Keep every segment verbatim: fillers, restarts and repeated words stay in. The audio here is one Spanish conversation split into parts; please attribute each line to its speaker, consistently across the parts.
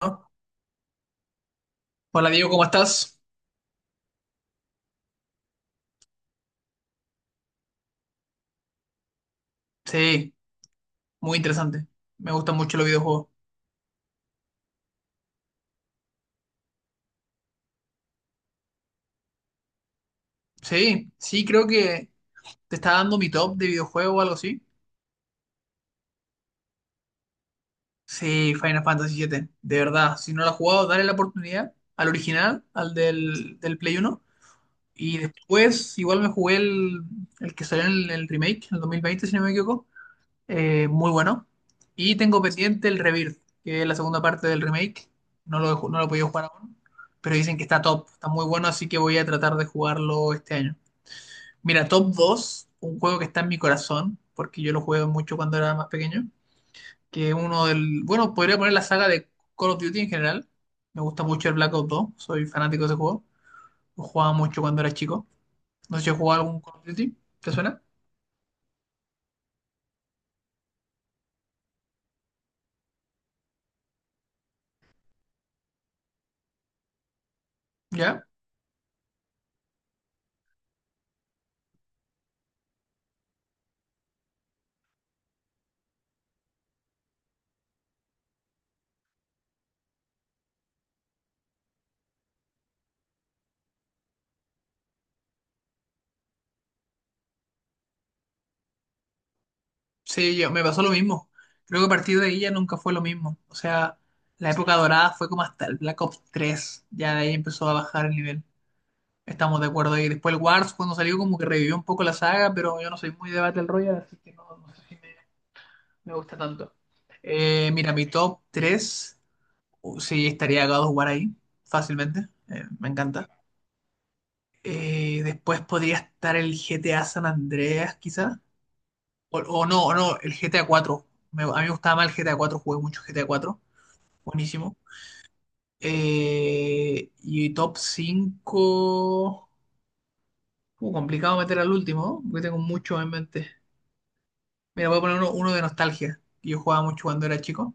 Speaker 1: Hola Diego, ¿cómo estás? Sí, muy interesante. Me gustan mucho los videojuegos. Sí, sí, creo que te está dando mi top de videojuego o algo así. Sí, Final Fantasy siete. De verdad, si no lo has jugado, dale la oportunidad al original, al del, del Play uno. Y después, igual me jugué el, el que salió en el, el remake, en el dos mil veinte, si no me equivoco. Eh, muy bueno. Y tengo pendiente el Rebirth, que es la segunda parte del remake. No lo, he ju- no lo he podido jugar aún, pero dicen que está top, está muy bueno, así que voy a tratar de jugarlo este año. Mira, top dos, un juego que está en mi corazón, porque yo lo jugué mucho cuando era más pequeño, que es uno del, bueno, podría poner la saga de Call of Duty en general. Me gusta mucho el Black Ops dos, soy fanático de ese juego. Lo jugaba mucho cuando era chico. No sé si he jugado algún Call of Duty, ¿te suena? ¿Ya? Sí, yo, me pasó lo mismo. Creo que a partir de ahí ya nunca fue lo mismo. O sea, la época dorada fue como hasta el Black Ops tres. Ya de ahí empezó a bajar el nivel. Estamos de acuerdo ahí. Después el Wars, cuando salió, como que revivió un poco la saga, pero yo no soy muy de Battle Royale, así que no, no sé si me, me gusta tanto. Eh, mira, mi top tres, uh, sí, estaría God of War ahí, fácilmente. Eh, me encanta. Eh, después podría estar el G T A San Andreas, quizás. O, o no, o no, el G T A cuatro. Me- a mí me gustaba más el G T A cuatro, jugué mucho G T A cuatro. Buenísimo. Eh, y top cinco, Uh, complicado meter al último, porque tengo mucho en mente. Mira, voy a poner uno, uno de nostalgia, que yo jugaba mucho cuando era chico,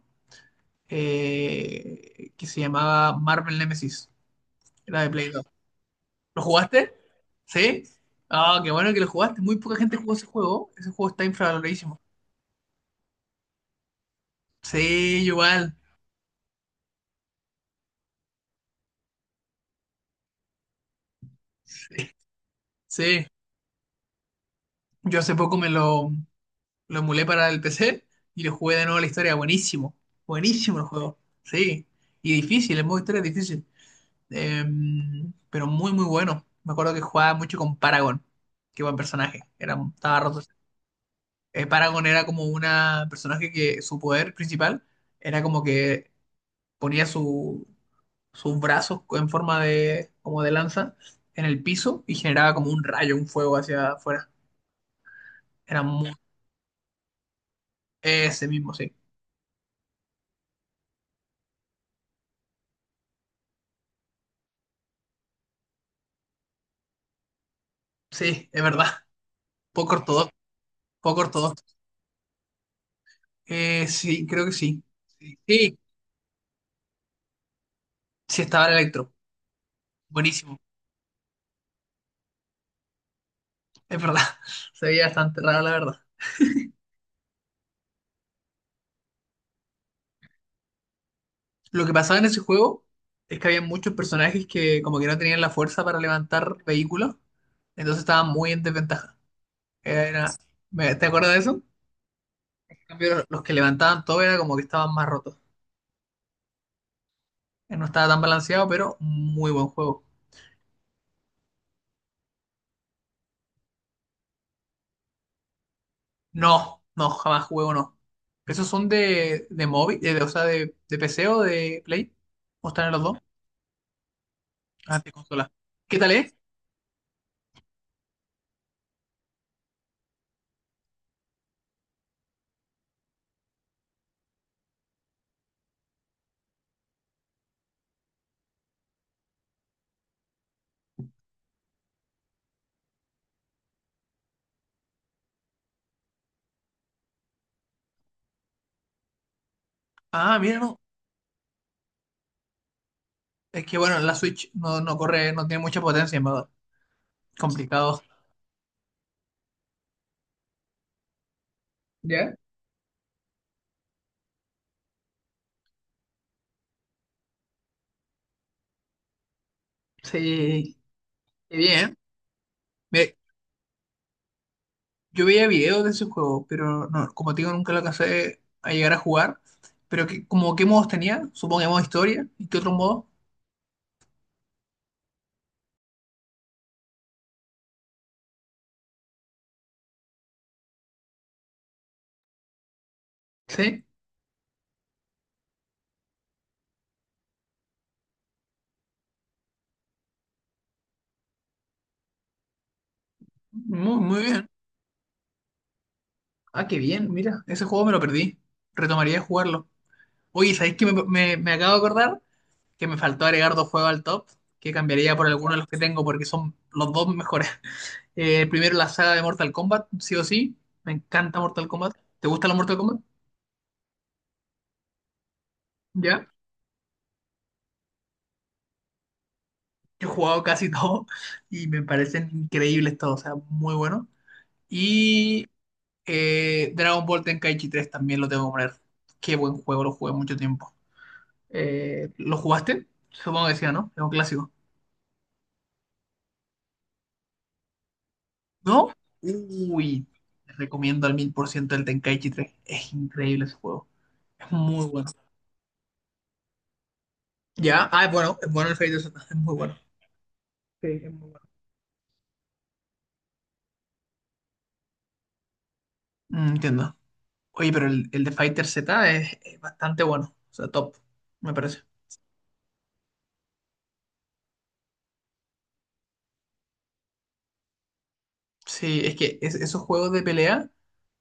Speaker 1: eh, que se llamaba Marvel Nemesis. Era de Play dos. ¿Lo jugaste? ¿Sí? Ah, qué bueno que lo jugaste. Muy poca gente jugó ese juego. Ese juego está infravaloradísimo. Sí, igual. Sí. Sí. Yo hace poco me lo, Lo emulé para el P C y lo jugué de nuevo la historia. Buenísimo. Buenísimo el juego. Sí. Y difícil, el modo historia es difícil. Eh, pero muy, muy bueno. Me acuerdo que jugaba mucho con Paragon. Qué buen personaje. Era, estaba roto. Eh, Paragon era como una personaje que su poder principal era como que ponía su, sus brazos en forma de, como de lanza en el piso y generaba como un rayo, un fuego hacia afuera. Era muy... Ese mismo, sí. Sí, es verdad. Poco ortodoxo. Poco ortodoxo. Eh, sí, creo que sí. Sí, sí sí estaba el Electro. Buenísimo. Es verdad. Se veía bastante raro, la verdad. Lo que pasaba en ese juego es que había muchos personajes que como que no tenían la fuerza para levantar vehículos, entonces estaban muy en desventaja. Era, me- ¿te acuerdas de eso? En cambio, los que levantaban todo era como que estaban más rotos. Eh, No estaba tan balanceado, pero muy buen juego. No, no, jamás jugué uno. ¿Esos son de, de móvil, de- de- o sea, de, de P C o de Play? ¿O están en los dos? Ah, te consola. ¿Qué tal es? Ah, mira, no. Es que bueno, la Switch no, no corre, no tiene mucha potencia, en verdad. Complicado. ¿Ya? Sí, qué bien. Ve, yo veía videos de ese juego, pero no, como te digo, nunca lo alcancé a llegar a jugar. Pero que, como qué modos tenía, supongo que modo historia, ¿y qué otro modo? Sí, muy, muy bien. Ah, qué bien, mira, ese juego me lo perdí. Retomaría de jugarlo. Oye, ¿sabéis qué me, me, me acabo de acordar? Que me faltó agregar dos juegos al top, que cambiaría por alguno de los que tengo porque son los dos mejores. Eh, el primero, la saga de Mortal Kombat, sí o sí. Me encanta Mortal Kombat. ¿Te gusta la Mortal Kombat? Ya. He jugado casi todo y me parecen increíbles todos, o sea, muy bueno. Y eh, Dragon Ball Tenkaichi tres también lo tengo que poner. Qué buen juego, lo jugué mucho tiempo. Eh, ¿lo jugaste? Supongo que sí, ¿no? Es un clásico. ¿No? Uy, te recomiendo al mil por ciento el Tenkaichi tres. Es increíble ese juego. Es muy bueno. Ya, ah, es bueno, es bueno el Fighter Z, es muy bueno. Sí, es muy bueno. Mm, entiendo. Oye, pero el, el de Fighter Z es, es bastante bueno, o sea, top, me parece. Sí, es que es- esos juegos de pelea,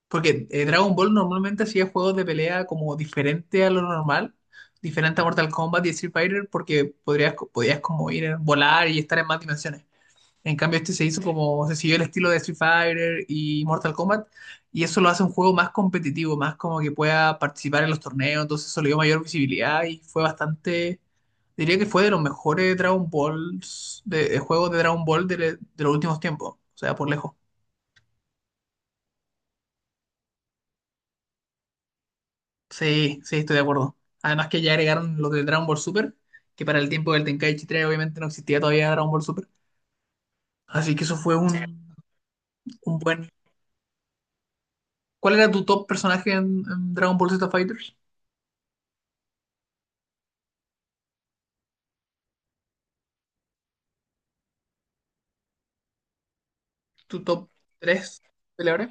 Speaker 1: porque eh, Dragon Ball normalmente hacía juegos de pelea como diferente a lo normal, diferente a Mortal Kombat y Street Fighter, porque podrías, podías como ir a volar y estar en más dimensiones. En cambio, este se hizo como, se siguió el estilo de Street Fighter y Mortal Kombat, y eso lo hace un juego más competitivo, más como que pueda participar en los torneos, entonces eso le dio mayor visibilidad y fue bastante, diría que fue de los mejores Dragon Balls, de, de juegos de Dragon Ball de, de los últimos tiempos, o sea, por lejos. Sí, sí, estoy de acuerdo. Además que ya agregaron los de Dragon Ball Super, que para el tiempo del Tenkaichi tres obviamente no existía todavía Dragon Ball Super, así que eso fue un, un buen... ¿Cuál era tu top personaje en, en Dragon Ball Z Fighters? Tu top tres peleadores.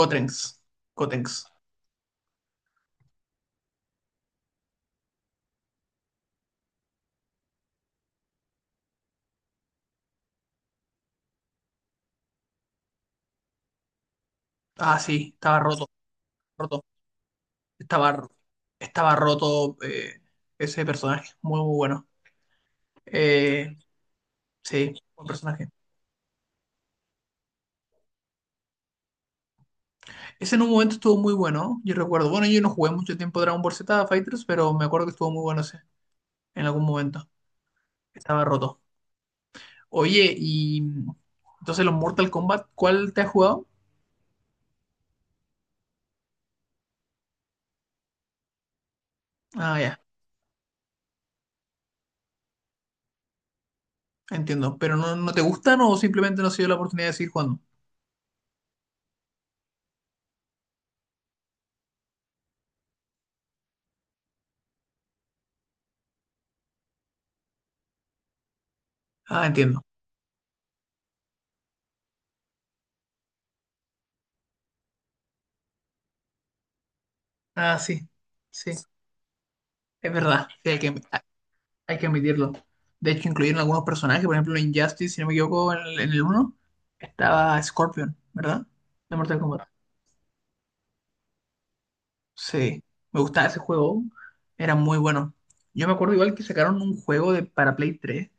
Speaker 1: Gotenks. Gotenks. Ah, sí, estaba roto, roto. Estaba, estaba roto eh, ese personaje. Muy, muy bueno. Eh, sí, buen personaje. Ese en un momento estuvo muy bueno, yo recuerdo. Bueno, yo no jugué mucho tiempo Dragon Ball Z Fighters, pero me acuerdo que estuvo muy bueno ese en algún momento. Estaba roto. Oye, y entonces los Mortal Kombat, ¿cuál te has jugado? Ah, ya, entiendo. ¿Pero no, no te gustan o simplemente no se dio la oportunidad de seguir jugando? Ah, entiendo. Ah, sí, sí, es verdad, sí, hay que, hay que admitirlo. De hecho, incluyeron algunos personajes, por ejemplo, en Injustice, si no me equivoco, en el, en el uno estaba Scorpion, ¿verdad? De Mortal Kombat. Sí, me gustaba ese juego, era muy bueno. Yo me acuerdo igual que sacaron un juego de, para Play tres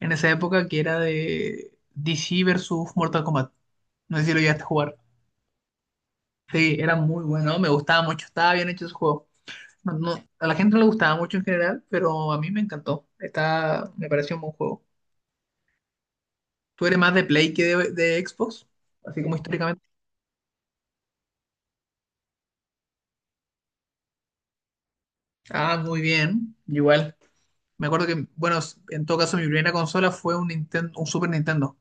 Speaker 1: en esa época que era de D C versus Mortal Kombat. No sé si lo llegaste a jugar. Sí, era muy bueno, me gustaba mucho, estaba bien hecho ese juego. No, a la gente no le gustaba mucho en general, pero a mí me encantó. Está, me pareció un buen juego. ¿Tú eres más de Play que de, de Xbox? Así como históricamente. Ah, muy bien. Igual. Me acuerdo que, bueno, en todo caso, mi primera consola fue un Nintendo, un Super Nintendo.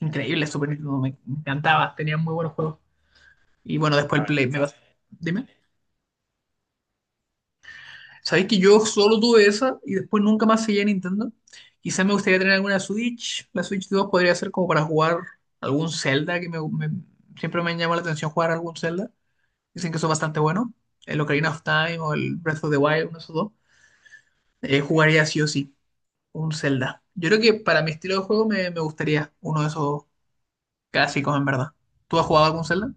Speaker 1: Increíble, Super Nintendo. Me, me encantaba. Tenía muy buenos juegos. Y bueno, después el. Ah, Play. Me pasó. Sabéis que yo solo tuve esa y después nunca más seguí a Nintendo. Quizá me gustaría tener alguna Switch. La Switch dos podría ser como para jugar algún Zelda, que me, me- siempre me llama la atención jugar algún Zelda. Dicen que son bastante buenos. El Ocarina of Time o el Breath of the Wild, uno de esos dos. Eh, jugaría sí o sí un Zelda. Yo creo que para mi estilo de juego me, me gustaría uno de esos clásicos, en verdad. ¿Tú has jugado algún Zelda?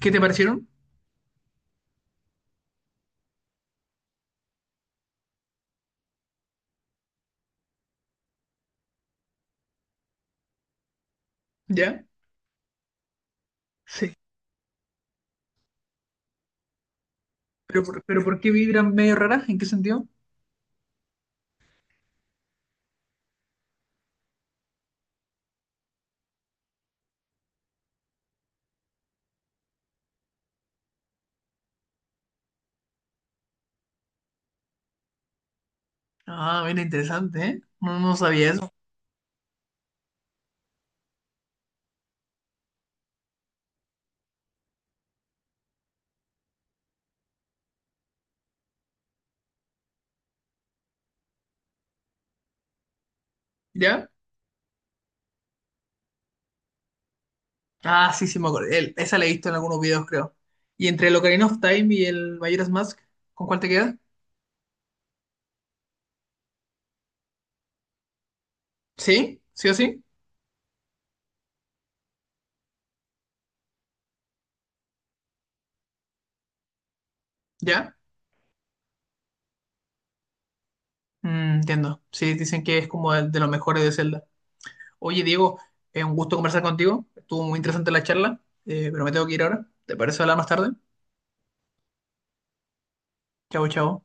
Speaker 1: ¿Qué te parecieron? ¿Ya? Sí. ¿Pero por, pero por qué vibran medio raras? ¿En qué sentido? Ah, mira, interesante, ¿eh? No, no sabía eso. ¿Ya? Ah, sí, sí, me acuerdo. El- esa la he visto en algunos videos, creo. Y entre el Ocarina of Time y el Majora's Mask, ¿con cuál te queda? ¿Sí? ¿Sí o sí? ¿Ya? Mm, entiendo. Sí, dicen que es como el de los mejores de Zelda. Oye, Diego, es un gusto conversar contigo. Estuvo muy interesante la charla, eh, pero me tengo que ir ahora. ¿Te parece hablar más tarde? Chao, chao.